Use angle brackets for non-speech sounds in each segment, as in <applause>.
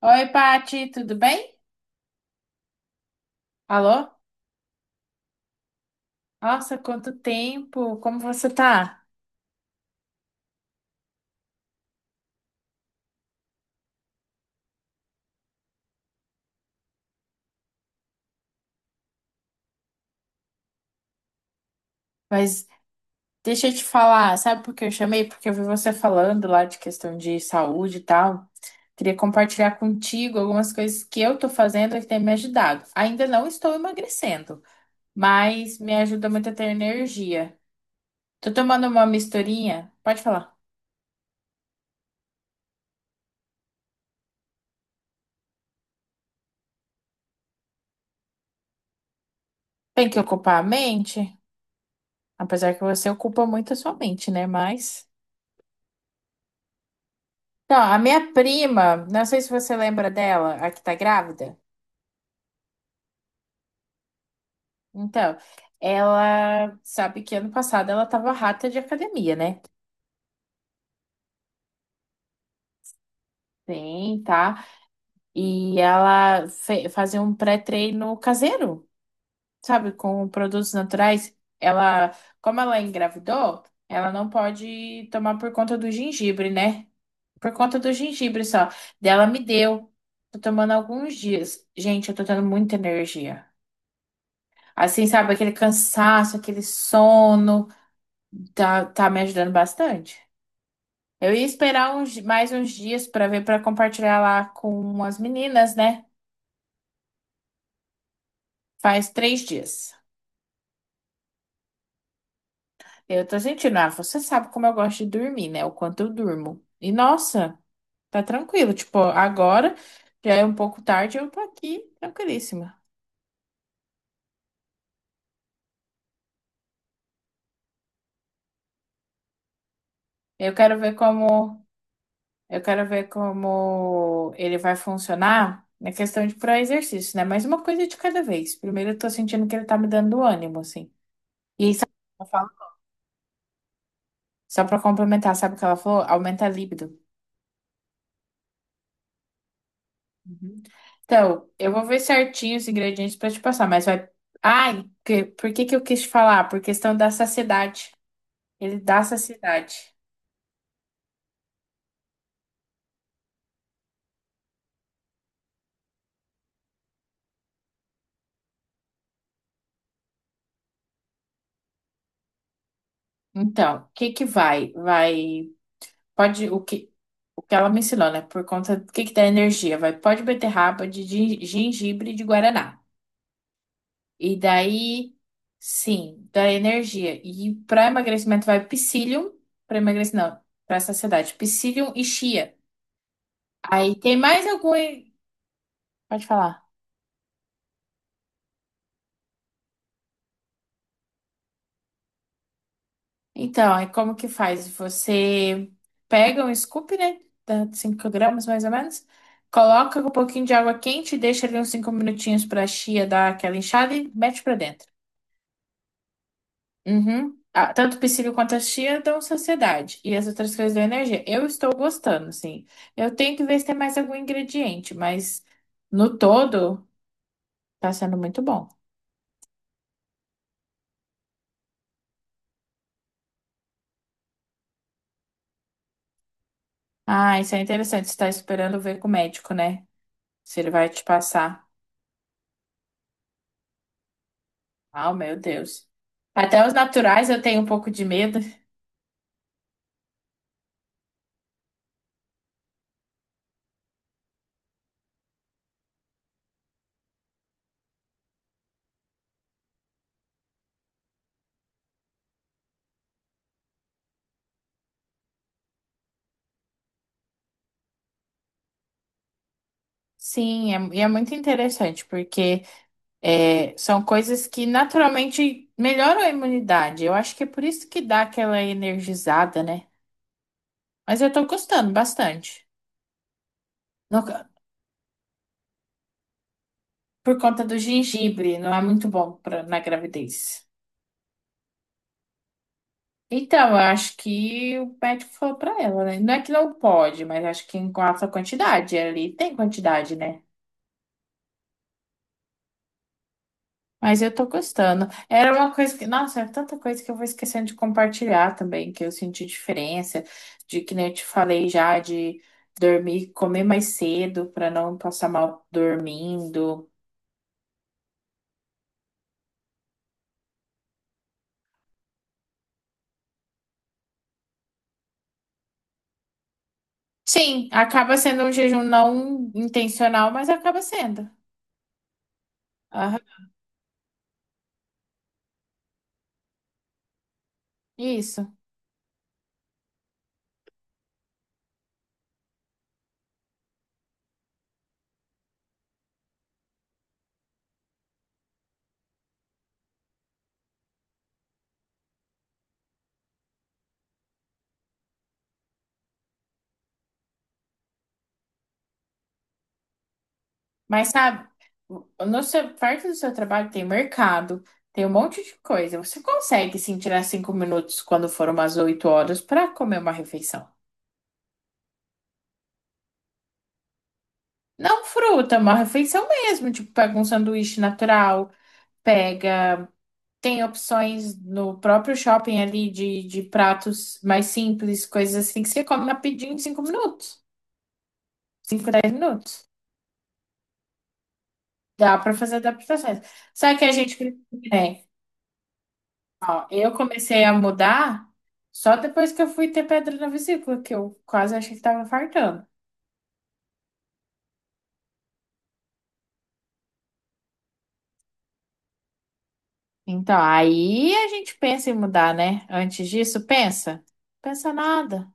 Oi, Pati, tudo bem? Alô? Nossa, quanto tempo! Como você tá? Mas deixa eu te falar, sabe por que eu chamei? Porque eu vi você falando lá de questão de saúde e tal. Queria compartilhar contigo algumas coisas que eu tô fazendo e que tem me ajudado. Ainda não estou emagrecendo, mas me ajuda muito a ter energia. Tô tomando uma misturinha. Pode falar. Tem que ocupar a mente, apesar que você ocupa muito a sua mente, né? Mas. Então, a minha prima, não sei se você lembra dela, a que tá grávida. Então, ela sabe que ano passado ela tava rata de academia, né? Sim, tá? E ela fazia um pré-treino caseiro, sabe? Com produtos naturais. Ela, como ela engravidou, ela não pode tomar por conta do gengibre, né? Por conta do gengibre só. Dela me deu. Tô tomando há alguns dias. Gente, eu tô tendo muita energia. Assim, sabe, aquele cansaço, aquele sono, tá me ajudando bastante. Eu ia esperar uns, mais uns dias para ver, para compartilhar lá com as meninas, né? Faz 3 dias. Eu tô sentindo, ah, você sabe como eu gosto de dormir, né? O quanto eu durmo. E nossa, tá tranquilo. Tipo, agora já é um pouco tarde, eu tô aqui tranquilíssima. Eu quero ver como. Eu quero ver como ele vai funcionar na questão de para exercício, né? Mas uma coisa de cada vez. Primeiro, eu tô sentindo que ele tá me dando ânimo, assim. E aí, sabe o que ela falou? Só pra complementar, sabe o que ela falou? Aumenta a libido. Uhum. Então, eu vou ver certinho os ingredientes pra te passar, mas vai. Ai, por que que eu quis te falar? Por questão da saciedade. Ele dá saciedade. Então, o que que vai? Vai. Pode. O que ela me ensinou, né? Por conta do que dá energia. Vai pó de beterraba, de gengibre e de guaraná. E daí, sim, dá energia. E para emagrecimento vai psyllium, para emagrecimento, não, para saciedade, psyllium e chia. Aí tem mais algum, pode falar. Então, aí como que faz? Você pega um scoop, né? Dá 5 gramas mais ou menos. Coloca com um pouquinho de água quente, e deixa ali uns 5 minutinhos para a chia dar aquela inchada e mete para dentro. Uhum. Ah, tanto o psíquico quanto a chia dão saciedade. E as outras coisas dão energia. Eu estou gostando, assim. Eu tenho que ver se tem mais algum ingrediente, mas no todo tá sendo muito bom. Ah, isso é interessante. Você tá esperando ver com o médico, né? Se ele vai te passar. Ah, meu Deus. Até os naturais eu tenho um pouco de medo. Sim, é, muito interessante, porque é, são coisas que naturalmente melhoram a imunidade. Eu acho que é por isso que dá aquela energizada, né? Mas eu tô gostando bastante. No ca- por conta do gengibre, não é muito bom pra, na gravidez. Então, eu acho que o médico falou pra ela, né? Não é que não pode, mas acho que em alta quantidade. Ali tem quantidade, né? Mas eu tô gostando. Era uma coisa que. Nossa, é tanta coisa que eu vou esquecendo de compartilhar também, que eu senti diferença, de que nem eu te falei já, de dormir, comer mais cedo pra não passar mal dormindo. Sim, acaba sendo um jejum não intencional, mas acaba sendo. Aham, isso. Mas sabe, no seu, perto do seu trabalho tem mercado, tem um monte de coisa. Você consegue sim tirar 5 minutos quando foram umas 8 horas para comer uma refeição. Não fruta, uma refeição mesmo. Tipo, pega um sanduíche natural, pega. Tem opções no próprio shopping ali de pratos mais simples, coisas assim que você come rapidinho em 5 minutos. Cinco dez minutos. Dá para fazer adaptações. Só que a gente, né? Ó, eu comecei a mudar só depois que eu fui ter pedra na vesícula, que eu quase achei que tava infartando. Então, aí a gente pensa em mudar, né? Antes disso, pensa? Pensa nada.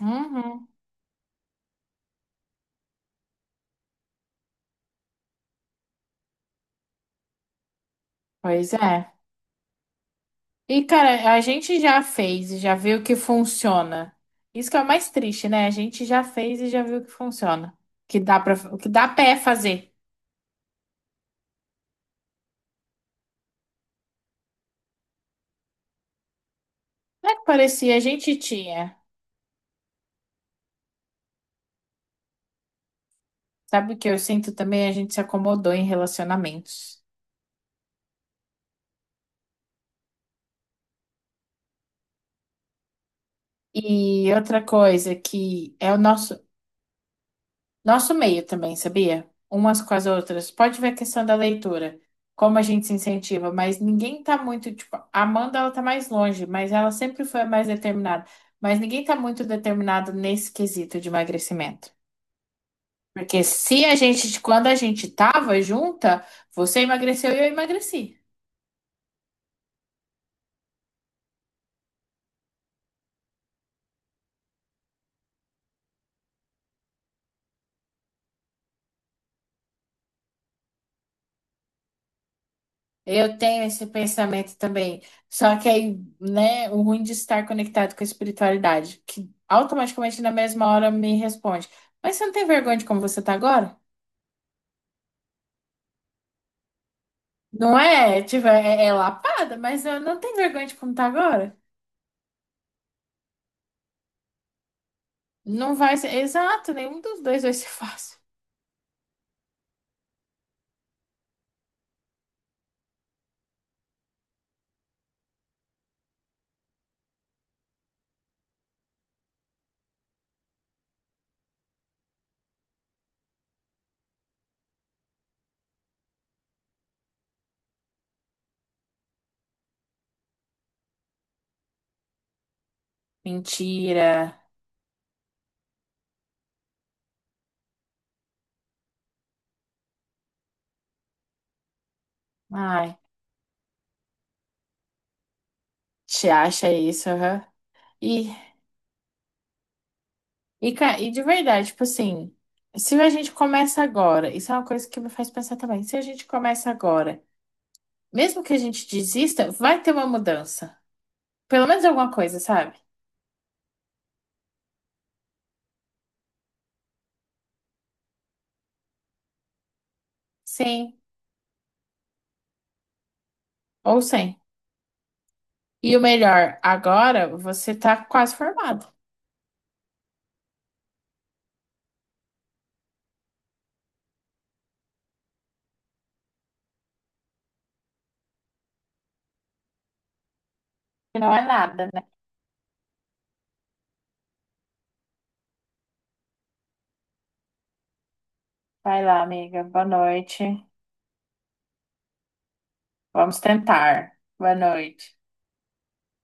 Uhum. Pois é. E, cara, a gente já fez e já viu que funciona. Isso que é o mais triste, né? A gente já fez e já viu que funciona. Que dá para, que dá pé fazer. Não é que parecia, a gente tinha. Sabe o que eu sinto também? A gente se acomodou em relacionamentos. E outra coisa que é o nosso meio também, sabia? Umas com as outras. Pode ver a questão da leitura, como a gente se incentiva, mas ninguém tá muito, tipo, a Amanda, ela tá mais longe, mas ela sempre foi a mais determinada. Mas ninguém tá muito determinado nesse quesito de emagrecimento. Porque se a gente, quando a gente tava junta, você emagreceu e eu emagreci. Eu tenho esse pensamento também. Só que aí, né, o ruim de estar conectado com a espiritualidade, que automaticamente na mesma hora me responde: Mas você não tem vergonha de como você tá agora? Não é, tipo, é lapada, mas eu não tenho vergonha de como tá agora. Não vai ser, exato, nenhum dos dois vai ser <laughs> fácil. Mentira. Ai, te acha isso, aham. E, e de verdade, tipo assim, se a gente começa agora, isso é uma coisa que me faz pensar também, se a gente começa agora. Mesmo que a gente desista, vai ter uma mudança. Pelo menos alguma coisa, sabe? Sim ou sem. E o melhor, agora você tá quase formado. Que não é nada, né? Vai lá, amiga. Boa noite. Vamos tentar. Boa noite.